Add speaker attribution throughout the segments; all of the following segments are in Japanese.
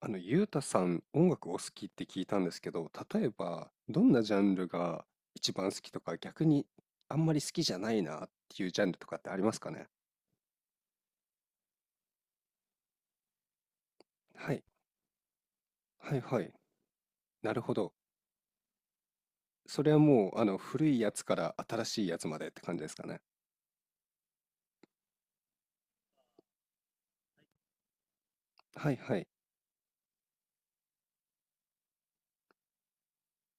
Speaker 1: ゆうたさん、音楽お好きって聞いたんですけど、例えば、どんなジャンルが一番好きとか、逆にあんまり好きじゃないなっていうジャンルとかってありますかね？はい、はい、はい。なるほど。それはもう、古いやつから新しいやつまでって感じですかね。はい、はい、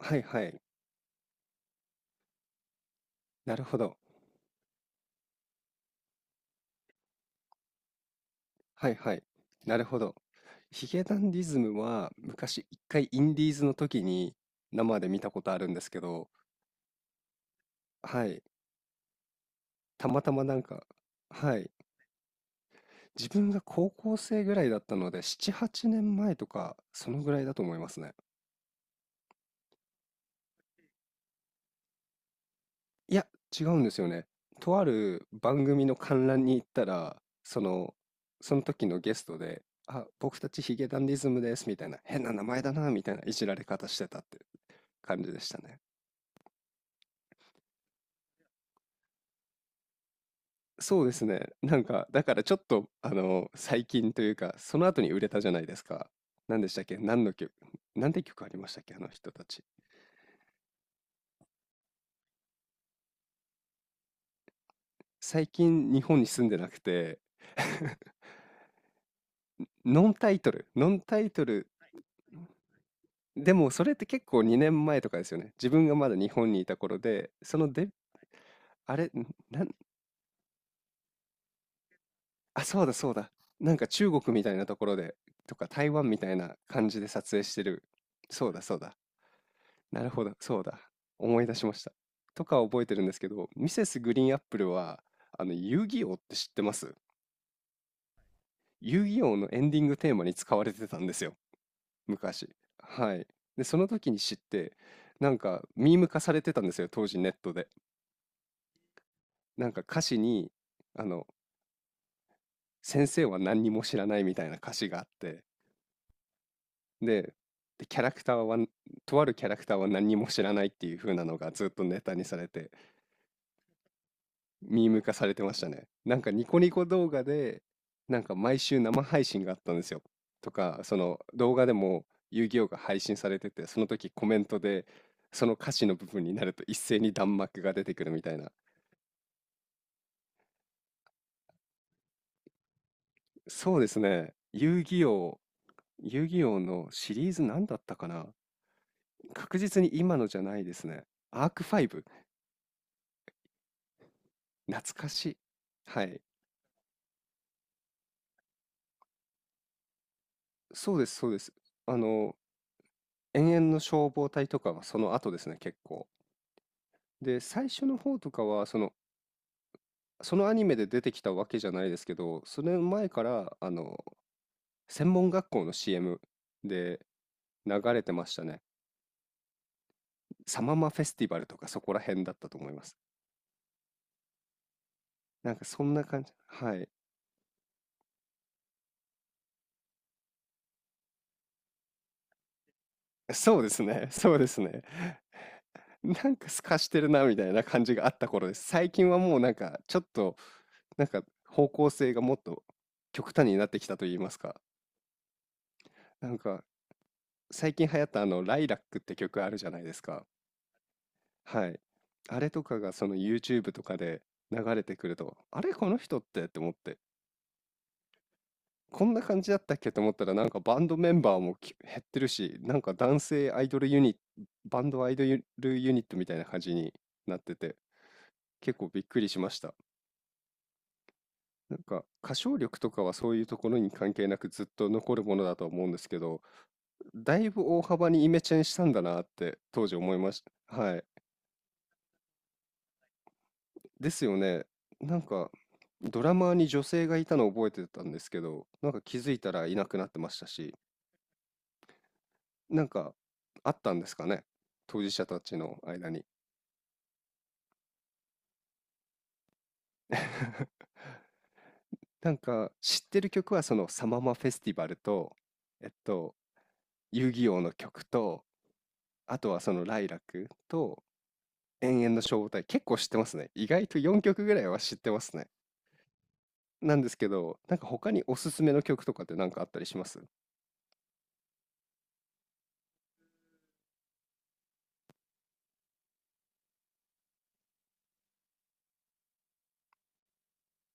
Speaker 1: はい、はい。なるほど。はい、はい。なるほど。ヒゲダンディズムは、昔一回インディーズの時に生で見たことあるんですけど、はい。たまたまなんか、はい。自分が高校生ぐらいだったので、7、8年前とか、そのぐらいだと思いますね。いや、違うんですよね。とある番組の観覧に行ったら、その、その時のゲストで、あ、僕たちヒゲダンディズムです、みたいな、変な名前だな、みたいないじられ方してたって感じでしたね。そうですね。なんか、だからちょっと、最近というか、その後に売れたじゃないですか。何でしたっけ？何の曲？何て曲ありましたっけあの人たち？最近日本に住んでなくて。 ノンタイトル、ノンタイトル、でもそれって結構2年前とかですよね。自分がまだ日本にいた頃で、そので、あれ、なん、あ、そうだそうだ。なんか中国みたいなところで、とか台湾みたいな感じで撮影してる。そうだそうだ。なるほど、そうだ。思い出しました。とか覚えてるんですけど、ミセスグリーンアップルは、遊戯王って知ってます？遊戯王のエンディングテーマに使われてたんですよ。昔。はい。で、その時に知って、なんか、ミーム化されてたんですよ、当時ネットで。なんか歌詞に、あの、先生は何にも知らないみたいな歌詞があって、で、でキャラクターは、とあるキャラクターは何にも知らないっていう風なのがずっとネタにされて、ミーム化されてましたね。なんかニコニコ動画で、なんか毎週生配信があったんですよ。とか、その動画でも遊戯王が配信されてて、その時コメントで、その歌詞の部分になると一斉に弾幕が出てくるみたいな。そうですね。遊戯王、遊戯王のシリーズ何だったかな。確実に今のじゃないですね。アーク5。懐かしい。はい。そうです、そうです。あの、永遠の消防隊とかはその後ですね、結構。で、最初の方とかは、そのそのアニメで出てきたわけじゃないですけど、それ前から、専門学校の CM で流れてましたね。サママフェスティバルとかそこら辺だったと思います。なんかそんな感じ。はい。そうですね。そうですね。なんか透かしてるなみたいな感じがあった頃です。最近はもうなんかちょっと、なんか方向性がもっと極端になってきたと言いますか。なんか最近流行ったあの、ライラックって曲あるじゃないですか。はい。あれとかがその YouTube とかで流れてくると、あれこの人ってって思って、こんな感じだったっけと思ったらなんかバンドメンバーもき減ってるし、なんか男性アイドルユニ、バンドアイドルユニットみたいな感じになってて、結構びっくりしました。なんか歌唱力とかはそういうところに関係なくずっと残るものだと思うんですけど、だいぶ大幅にイメチェンしたんだなって当時思いました。はい。ですよね。なんか、ドラマーに女性がいたのを覚えてたんですけど、なんか気づいたらいなくなってましたし、なんか、あったんですかね、当事者たちの間に。なんか、知ってる曲はそのサママフェスティバルと、えっと、遊戯王の曲と、あとはそのライラクと、永遠々の消防隊、結構知ってますね。意外と4曲ぐらいは知ってますね。なんですけど、なんか他におすすめの曲とかってなんかあったりします？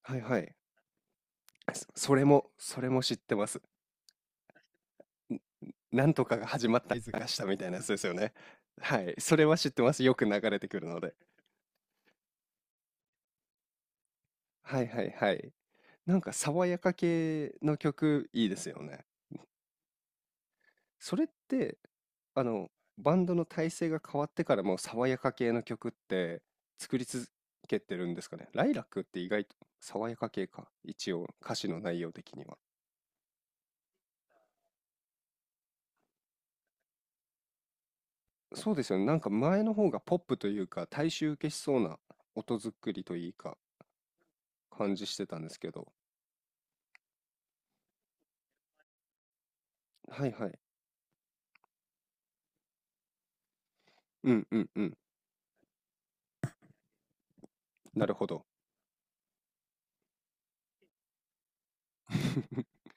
Speaker 1: はいはい。そそれもそれも知ってます。ん、なんとかが始まった合図が、したみたいなやつですよね。はい、それは知ってます。よく流れてくるので。はいはいはい。なんか爽やか系の曲いいですよね。それって、あの、バンドの体制が変わってからも爽やか系の曲って作り続けてるんですかね。ライラックって意外と爽やか系か。一応歌詞の内容的には。そうですよね。なんか前の方がポップというか大衆受けしそうな音作りというか感じしてたんですけど。はいはい。うんうんうん。なるほど。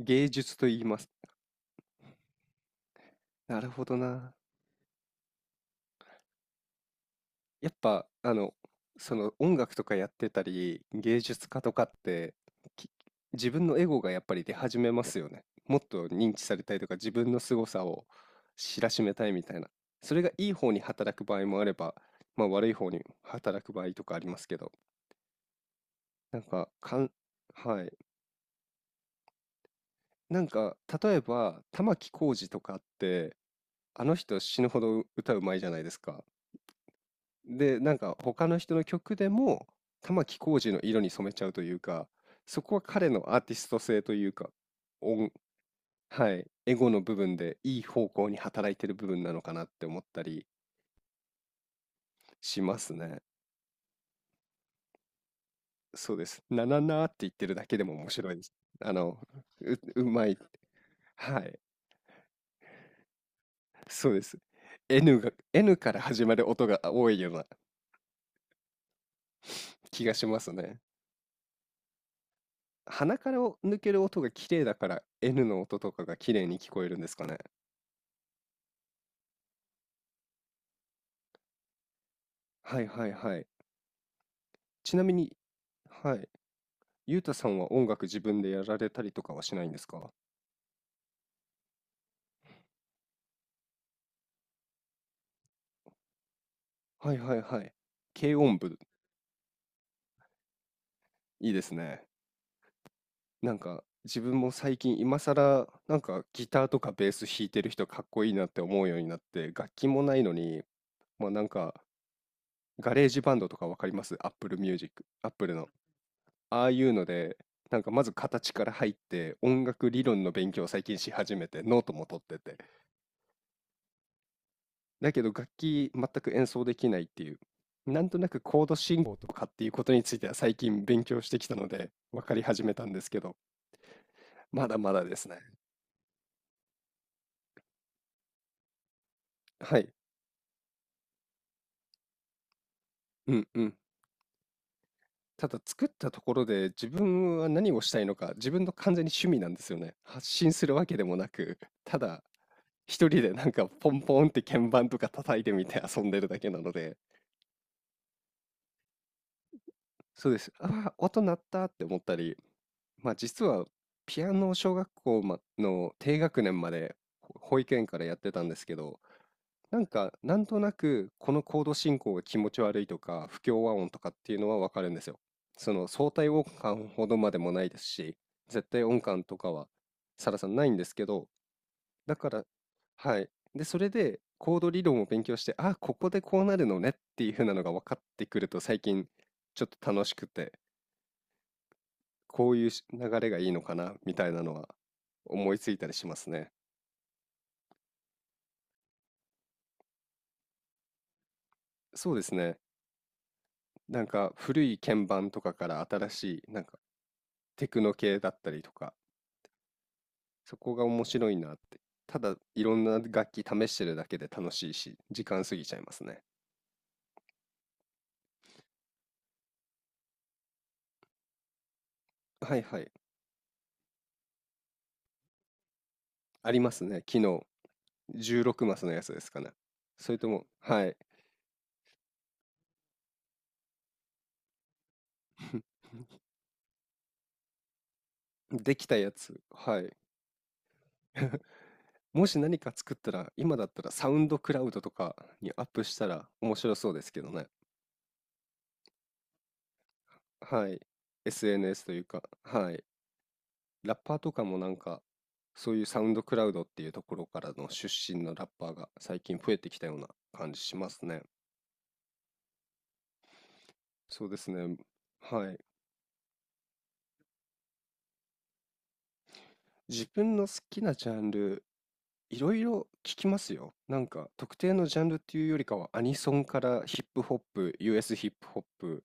Speaker 1: 芸術と言います。なるほどな。やっぱ、その音楽とかやってたり、芸術家とかって、き自分のエゴがやっぱり出始めますよね。もっと認知されたいとか、自分の凄さを知らしめたいみたいな。それがいい方に働く場合もあれば、まあ、悪い方に働く場合とかありますけど、なんか、かんはい。なんか、例えば、玉置浩二とかって、あの人死ぬほど歌うまいじゃないですか。で、なんか他の人の曲でも玉置浩二の色に染めちゃうというか、そこは彼のアーティスト性というか、音、はい、エゴの部分でいい方向に働いてる部分なのかなって思ったりしますね。そうです。なななって言ってるだけでも面白いです。あの、う、うまい。はい、そうです。N が、N から始まる音が多いような気がしますね。鼻からを抜ける音が綺麗だから N の音とかが綺麗に聞こえるんですかね。はいはいはい。ちなみに、はい。ゆうたさんは音楽自分でやられたりとかはしないんですか？はいはいはい。軽音部、いいですね。なんか自分も最近今更なんかギターとかベース弾いてる人かっこいいなって思うようになって楽器もないのに、まあなんかガレージバンドとかわかります？ Apple Music、Apple のああいうので、なんかまず形から入って、音楽理論の勉強を最近し始めて、ノートも取ってて。だけど楽器全く演奏できないっていう。なんとなくコード進行とかっていうことについては最近勉強してきたので、分かり始めたんですけど、まだまだですね。はい。うんうん。ただ作ったところで自分は何をしたいのか、自分の完全に趣味なんですよね。発信するわけでもなく、ただ一人でなんかポンポンって鍵盤とか叩いてみて遊んでるだけなので、そうです。ああ、音鳴ったって思ったり、まあ実はピアノを小学校まの低学年までほ保育園からやってたんですけど、なんかなんとなくこのコード進行が気持ち悪いとか不協和音とかっていうのはわかるんですよ。その相対音感ほどまでもないですし、絶対音感とかはサラさんないんですけど、だから、はい。で、それでコード理論を勉強して、あここでこうなるのねっていう風なのが分かってくると最近ちょっと楽しくて、こういうし流れがいいのかなみたいなのは思いついたりしますね。そうですね。なんか古い鍵盤とかから新しいなんかテクノ系だったりとか、そこが面白いなって。ただいろんな楽器試してるだけで楽しいし、時間過ぎちゃいますね。はいはい。ありますね。昨日16マスのやつですかね。それとも、はい。できたやつ。はい。もし何か作ったら、今だったらサウンドクラウドとかにアップしたら面白そうですけどね。はい。SNS というか、はい。ラッパーとかもなんか、そういうサウンドクラウドっていうところからの出身のラッパーが最近増えてきたような感じしますね。そうですね。はい。自分の好きなジャンル、いろいろ聞きますよ。なんか、特定のジャンルっていうよりかは、アニソンからヒップホップ、US ヒップホップ、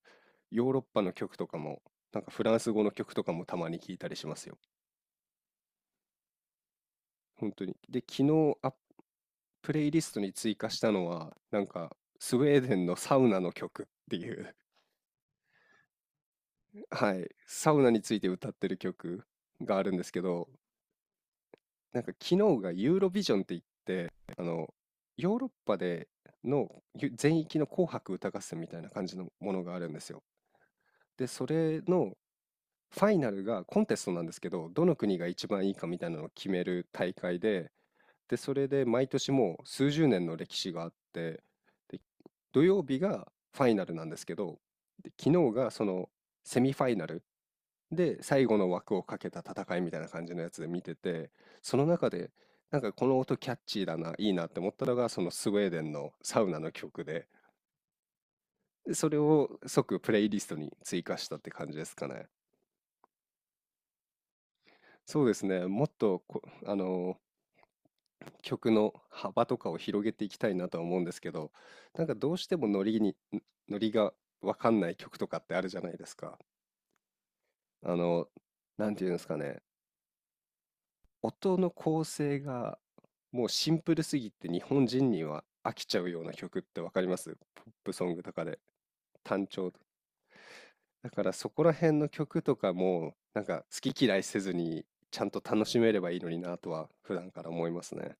Speaker 1: ヨーロッパの曲とかも、なんかフランス語の曲とかもたまに聞いたりしますよ。本当に。で、昨日アップレイリストに追加したのは、なんか、スウェーデンのサウナの曲っていう。 はい、サウナについて歌ってる曲があるんですけど、なんか昨日がユーロビジョンって言って、あの、ヨーロッパでのゆ全域の紅白歌合戦みたいな感じのものがあるんですよ。で、それのファイナルがコンテストなんですけど、どの国が一番いいかみたいなのを決める大会で、で、それで毎年もう数十年の歴史があって、で、土曜日がファイナルなんですけど、で、昨日がそのセミファイナルで最後の枠をかけた戦いみたいな感じのやつで見てて、その中でなんかこの音キャッチーだな、いいなって思ったのがそのスウェーデンのサウナの曲で、でそれを即プレイリストに追加したって感じですかね。そうですね。もっとこ、曲の幅とかを広げていきたいなとは思うんですけど、なんかどうしてもノリに、んノリがわかんない曲とかってあるじゃないですか。あの、なんていうんですかね、音の構成がもうシンプルすぎて日本人には飽きちゃうような曲ってわかります？ポップソングとかで単調。だからそこら辺の曲とかもなんか好き嫌いせずにちゃんと楽しめればいいのになとは普段から思いますね。